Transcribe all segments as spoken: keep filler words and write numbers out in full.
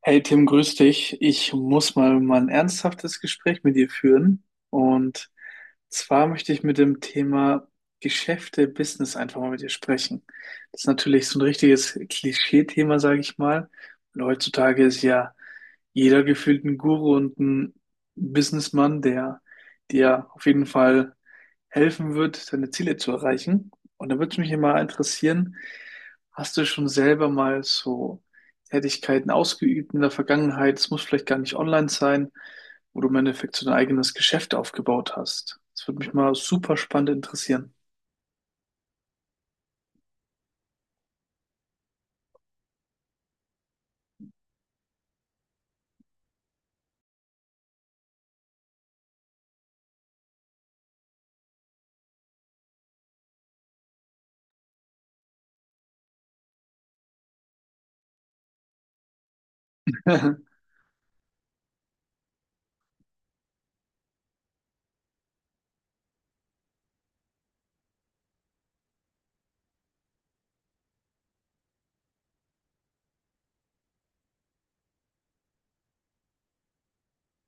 Hey Tim, grüß dich. Ich muss mal, mal ein ernsthaftes Gespräch mit dir führen. Und zwar möchte ich mit dem Thema Geschäfte, Business einfach mal mit dir sprechen. Das ist natürlich so ein richtiges Klischee-Thema, sage ich mal. Und heutzutage ist ja jeder gefühlt ein Guru und ein Businessmann, der dir auf jeden Fall helfen wird, deine Ziele zu erreichen. Und da würde mich immer interessieren, hast du schon selber mal so Tätigkeiten ausgeübt in der Vergangenheit? Es muss vielleicht gar nicht online sein, wo du im Endeffekt so dein eigenes Geschäft aufgebaut hast. Das würde mich mal super spannend interessieren. Mhm.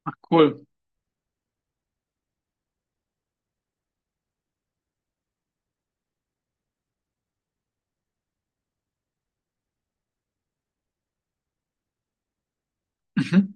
Ach, cool. Mhm.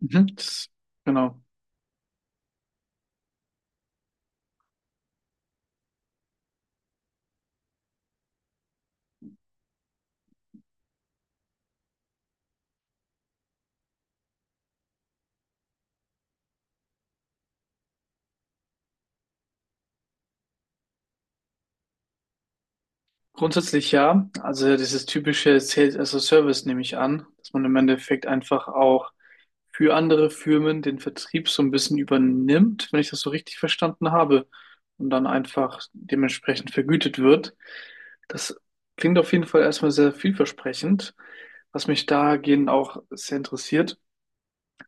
Mhm. Das, genau. Grundsätzlich ja. Also dieses typische Sales as a Service, nehme ich an, dass man im Endeffekt einfach auch für andere Firmen den Vertrieb so ein bisschen übernimmt, wenn ich das so richtig verstanden habe, und dann einfach dementsprechend vergütet wird. Das klingt auf jeden Fall erstmal sehr vielversprechend, was mich dahingehend auch sehr interessiert.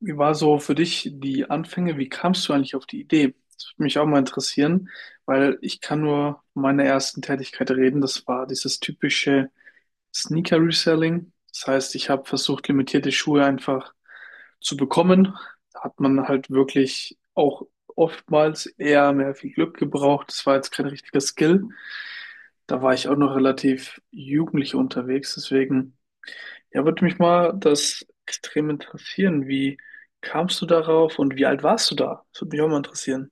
Wie war so für dich die Anfänge? Wie kamst du eigentlich auf die Idee? Das würde mich auch mal interessieren, weil ich kann nur von meiner ersten Tätigkeit reden. Das war dieses typische Sneaker-Reselling. Das heißt, ich habe versucht, limitierte Schuhe einfach zu bekommen. Da hat man halt wirklich auch oftmals eher mehr viel Glück gebraucht. Das war jetzt kein richtiger Skill. Da war ich auch noch relativ jugendlich unterwegs. Deswegen ja, würde mich mal das extrem interessieren. Wie kamst du darauf und wie alt warst du da? Das würde mich auch mal interessieren.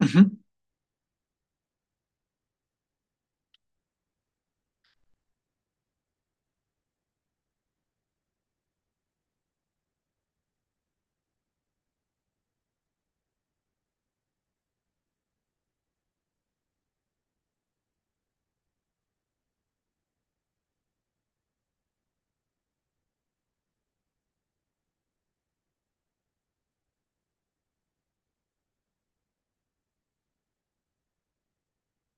Mhm.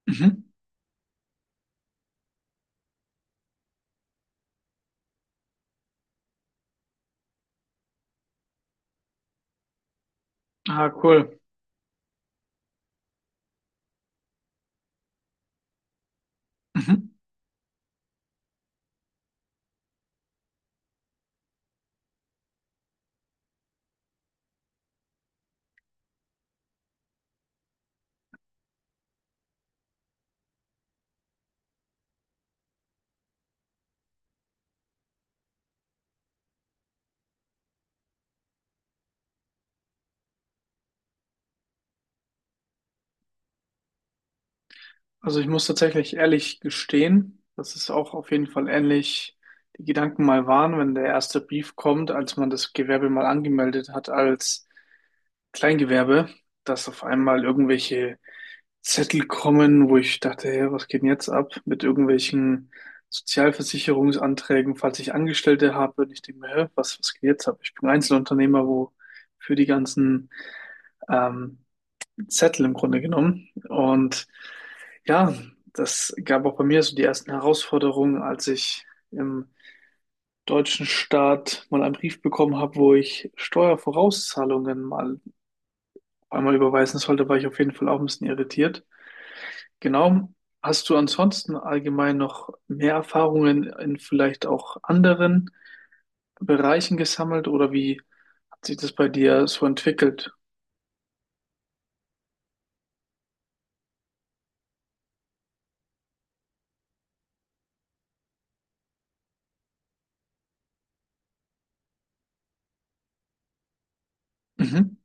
Mhm. Ah, cool. Mhm. Also ich muss tatsächlich ehrlich gestehen, dass es auch auf jeden Fall ähnlich die Gedanken mal waren, wenn der erste Brief kommt, als man das Gewerbe mal angemeldet hat als Kleingewerbe, dass auf einmal irgendwelche Zettel kommen, wo ich dachte, hey, was geht denn jetzt ab mit irgendwelchen Sozialversicherungsanträgen, falls ich Angestellte habe. Und ich denke mir, hä, was, was geht jetzt ab? Ich bin Einzelunternehmer, wo für die ganzen ähm, Zettel im Grunde genommen. Und ja, das gab auch bei mir so die ersten Herausforderungen, als ich im deutschen Staat mal einen Brief bekommen habe, wo ich Steuervorauszahlungen mal einmal überweisen sollte, war ich auf jeden Fall auch ein bisschen irritiert. Genau. Hast du ansonsten allgemein noch mehr Erfahrungen in vielleicht auch anderen Bereichen gesammelt oder wie hat sich das bei dir so entwickelt? Mhm.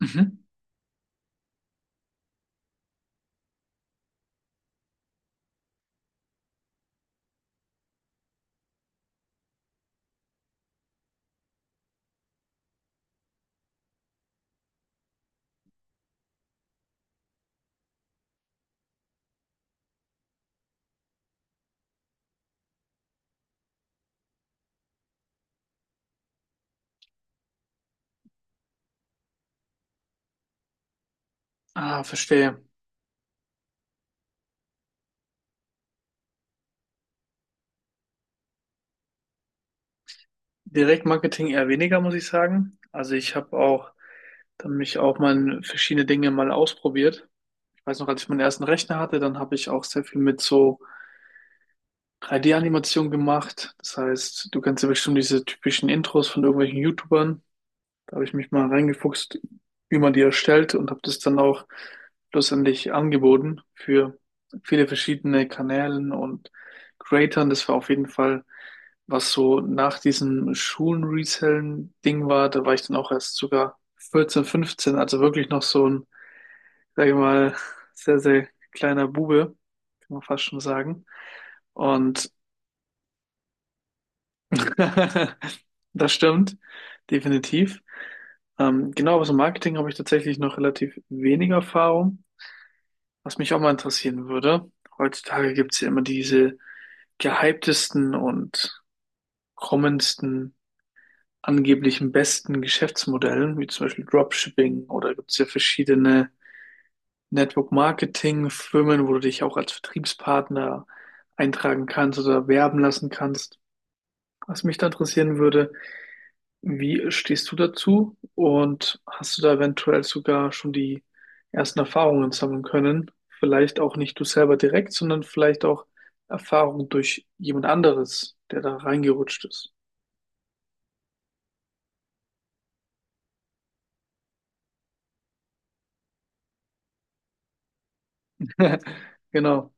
Mhm. Ah, verstehe. Direktmarketing eher weniger, muss ich sagen. Also ich habe auch dann mich auch mal in verschiedene Dinge mal ausprobiert. Ich weiß noch, als ich meinen ersten Rechner hatte, dann habe ich auch sehr viel mit so drei D-Animation gemacht. Das heißt, du kennst ja bestimmt diese typischen Intros von irgendwelchen YouTubern. Da habe ich mich mal reingefuchst, wie man die erstellt und habe das dann auch schlussendlich angeboten für viele verschiedene Kanälen und Creatern. Das war auf jeden Fall, was so nach diesem Schulen-Resellen-Ding war. Da war ich dann auch erst sogar vierzehn, fünfzehn, also wirklich noch so ein, sage ich mal, sehr, sehr kleiner Bube, kann man fast schon sagen. Und das stimmt, definitiv. Ähm, genau, aber so Marketing habe ich tatsächlich noch relativ wenig Erfahrung. Was mich auch mal interessieren würde, heutzutage gibt es ja immer diese gehyptesten und kommendsten, angeblichen besten Geschäftsmodellen, wie zum Beispiel Dropshipping, oder gibt es ja verschiedene Network-Marketing-Firmen, wo du dich auch als Vertriebspartner eintragen kannst oder werben lassen kannst. Was mich da interessieren würde, wie stehst du dazu? Und hast du da eventuell sogar schon die ersten Erfahrungen sammeln können? Vielleicht auch nicht du selber direkt, sondern vielleicht auch Erfahrungen durch jemand anderes, der da reingerutscht ist. Genau.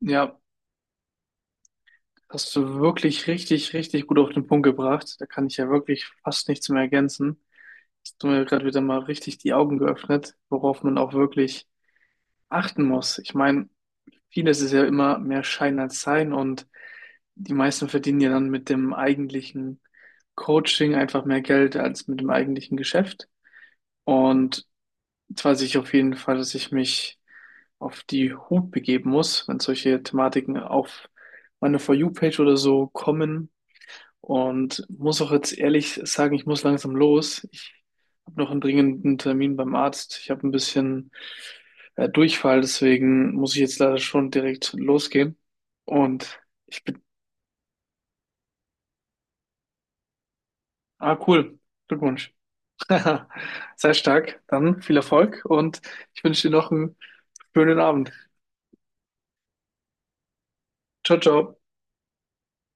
Ja, hast du wirklich richtig, richtig gut auf den Punkt gebracht. Da kann ich ja wirklich fast nichts mehr ergänzen. Hast du mir gerade wieder mal richtig die Augen geöffnet, worauf man auch wirklich achten muss. Ich meine, vieles ist ja immer mehr Schein als Sein, und die meisten verdienen ja dann mit dem eigentlichen Coaching einfach mehr Geld als mit dem eigentlichen Geschäft. Und jetzt weiß ich auf jeden Fall, dass ich mich auf die Hut begeben muss, wenn solche Thematiken auf meine For You-Page oder so kommen, und muss auch jetzt ehrlich sagen, ich muss langsam los. Ich habe noch einen dringenden Termin beim Arzt. Ich habe ein bisschen äh, Durchfall, deswegen muss ich jetzt leider schon direkt losgehen. Und ich bin, ah, cool. Glückwunsch. Sei stark. Dann viel Erfolg und ich wünsche dir noch einen schönen Abend. Ciao, ciao.